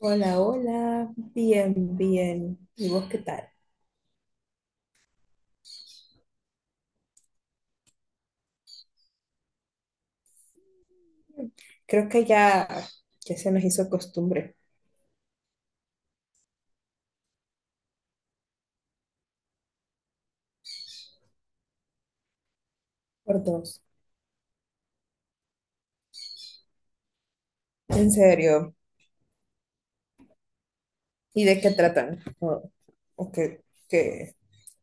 Hola, hola, bien, bien. ¿Y vos qué tal? Creo que ya, ya se nos hizo costumbre por dos. En serio. ¿Y de qué tratan? O qué, qué-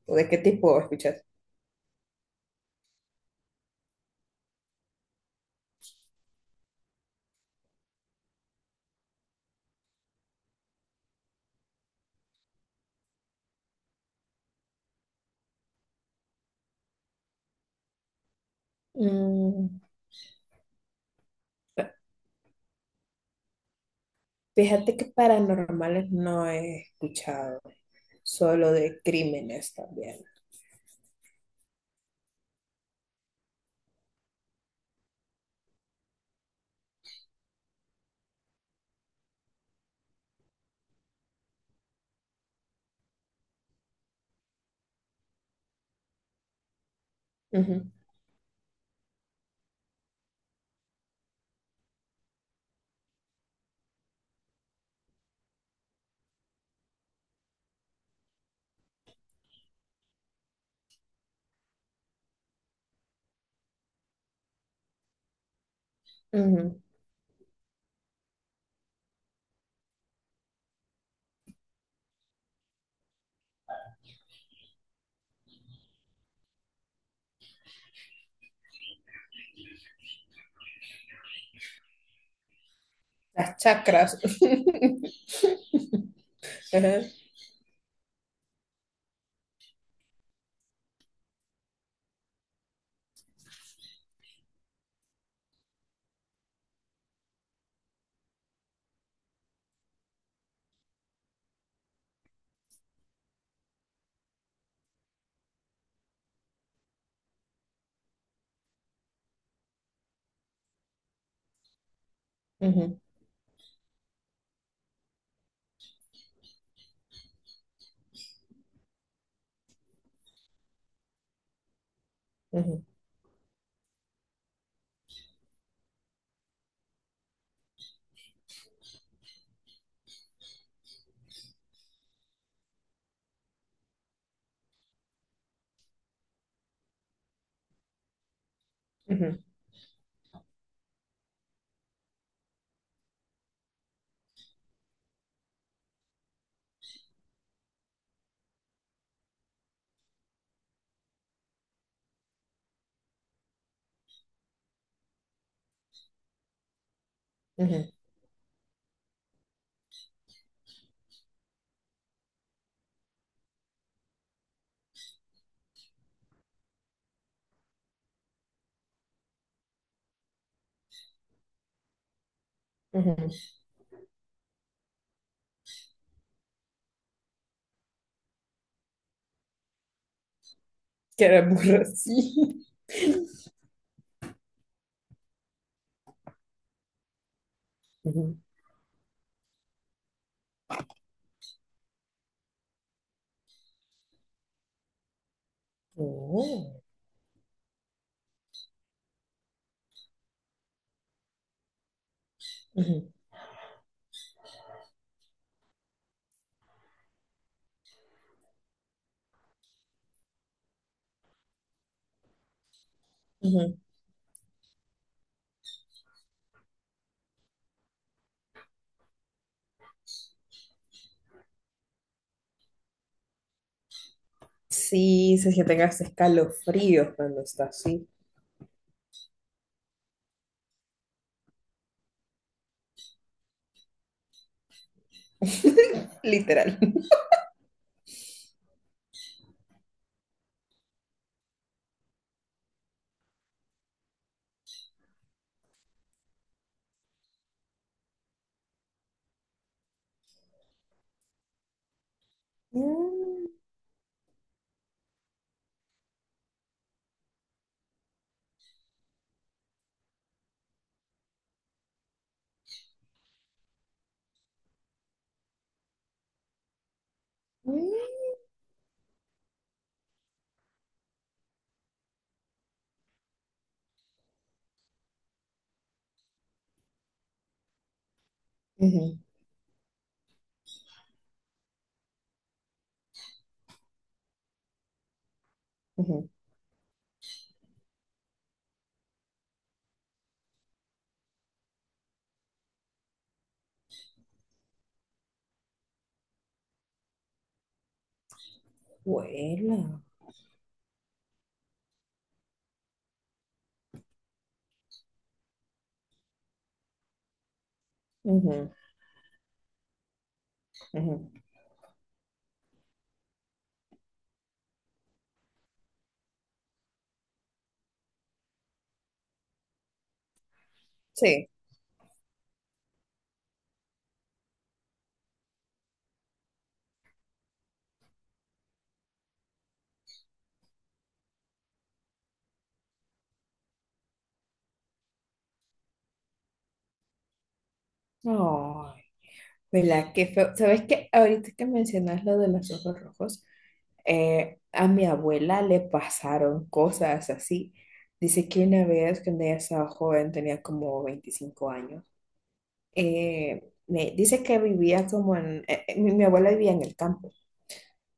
o de qué tipo escuchas? Mm, fíjate que paranormales no he escuchado, solo de crímenes también. Ujú, ujú. Las chakras. Ajá, ujú, ujú, ujú, ujú, ujú. Que era burra, sí. Ujú. Oh, ujú, ujú. Sí, si es que tengas escalofríos cuando estás así. Literal. Mm, mm. Ujú, ujú, Vuela. Ujú, ujú. Sí. Ay, ¿verdad? Qué feo. ¿Sabes qué? Ahorita que mencionas lo de los ojos rojos, a mi abuela le pasaron cosas así. Dice que una vez cuando ella estaba joven, tenía como 25 años, me dice que vivía como en, mi abuela vivía en el campo,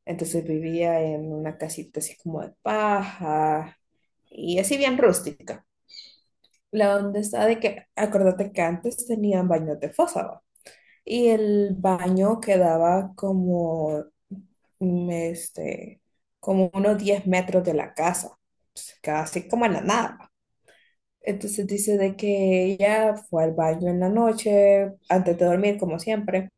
entonces vivía en una casita así como de paja y así bien rústica. La onda está de que, acuérdate que antes tenían baños de fosa, ¿va? Y el baño quedaba como, mm, este, como unos 10 metros de la casa, pues, casi como en la nada, ¿va? Entonces dice de que ella fue al baño en la noche, antes de dormir, como siempre.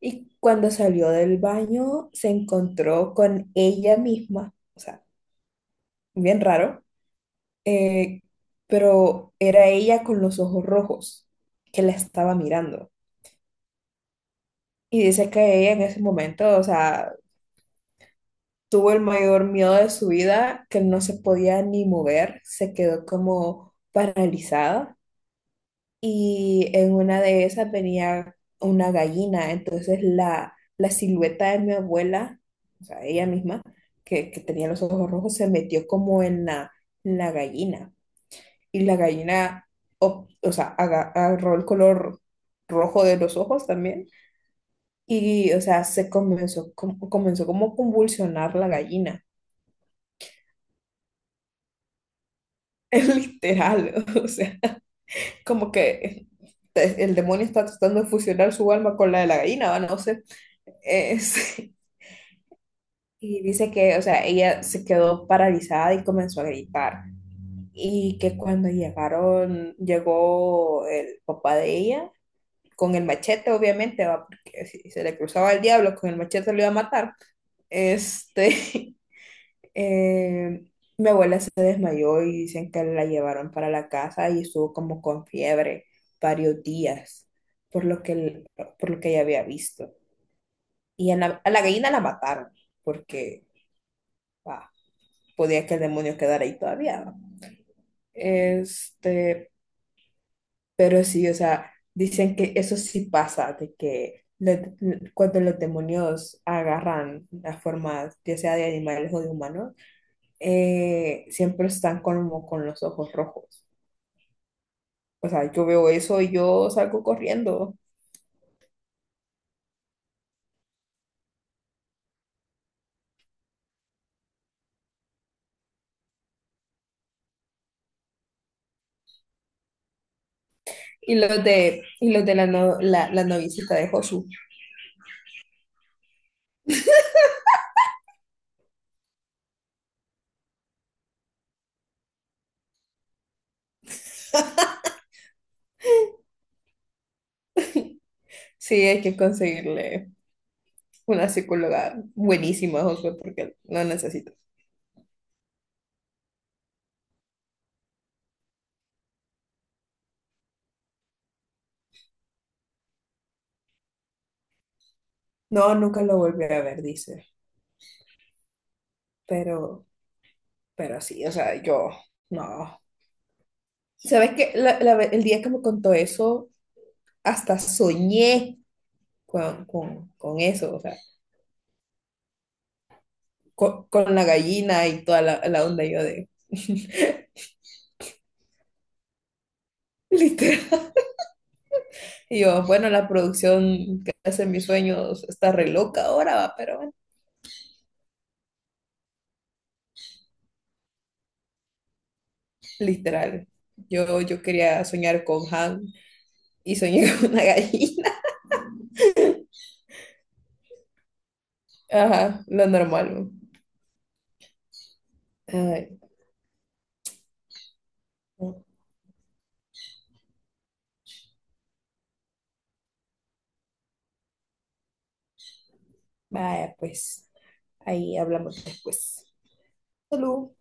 Y cuando salió del baño, se encontró con ella misma, o sea, bien raro, eh, pero era ella con los ojos rojos que la estaba mirando. Y dice que ella en ese momento, o sea, tuvo el mayor miedo de su vida, que no se podía ni mover, se quedó como paralizada. Y en una de esas venía una gallina, entonces la silueta de mi abuela, o sea, ella misma, que tenía los ojos rojos, se metió como en en la gallina. Y o sea, agarró el color rojo de los ojos también y, o sea, comenzó como a convulsionar la gallina. Literal, o sea, como que el demonio está tratando de fusionar su alma con la de la gallina, ¿va? No sé. Es- y dice que, o sea, ella se quedó paralizada y comenzó a gritar. Y que cuando llegaron, llegó el papá de ella con el machete, obviamente, ¿va? Porque si se le cruzaba el diablo, con el machete lo iba a matar. Este, eh, mi abuela se desmayó y dicen que la llevaron para la casa y estuvo como con fiebre varios días por lo que, por lo que ella había visto. Y a a la gallina la mataron porque ah, podía que el demonio quedara ahí todavía, ¿va? Este, pero sí, o sea, dicen que eso sí pasa, de que cuando los demonios agarran las formas, ya sea de animales o de humanos, siempre están como con los ojos rojos. O sea, yo veo eso y yo salgo corriendo. Y los de la, no- la noviecita de Josu. Sí, hay que conseguirle una psicóloga buenísima a Josué porque lo necesito. No, nunca lo volví a ver, dice. Pero, pero sí, o sea, yo no. ¿Sabes qué? El día que me contó eso, hasta soñé con eso, o sea, con la gallina y toda la onda yo de... Literal. Y yo, bueno, la producción que hace mis sueños está re loca ahora, va, pero bueno, literal. Yo quería soñar con Han y soñé con una gallina. Ajá, lo normal, ¿no? Ay, no. Vaya, pues ahí hablamos después. Salud.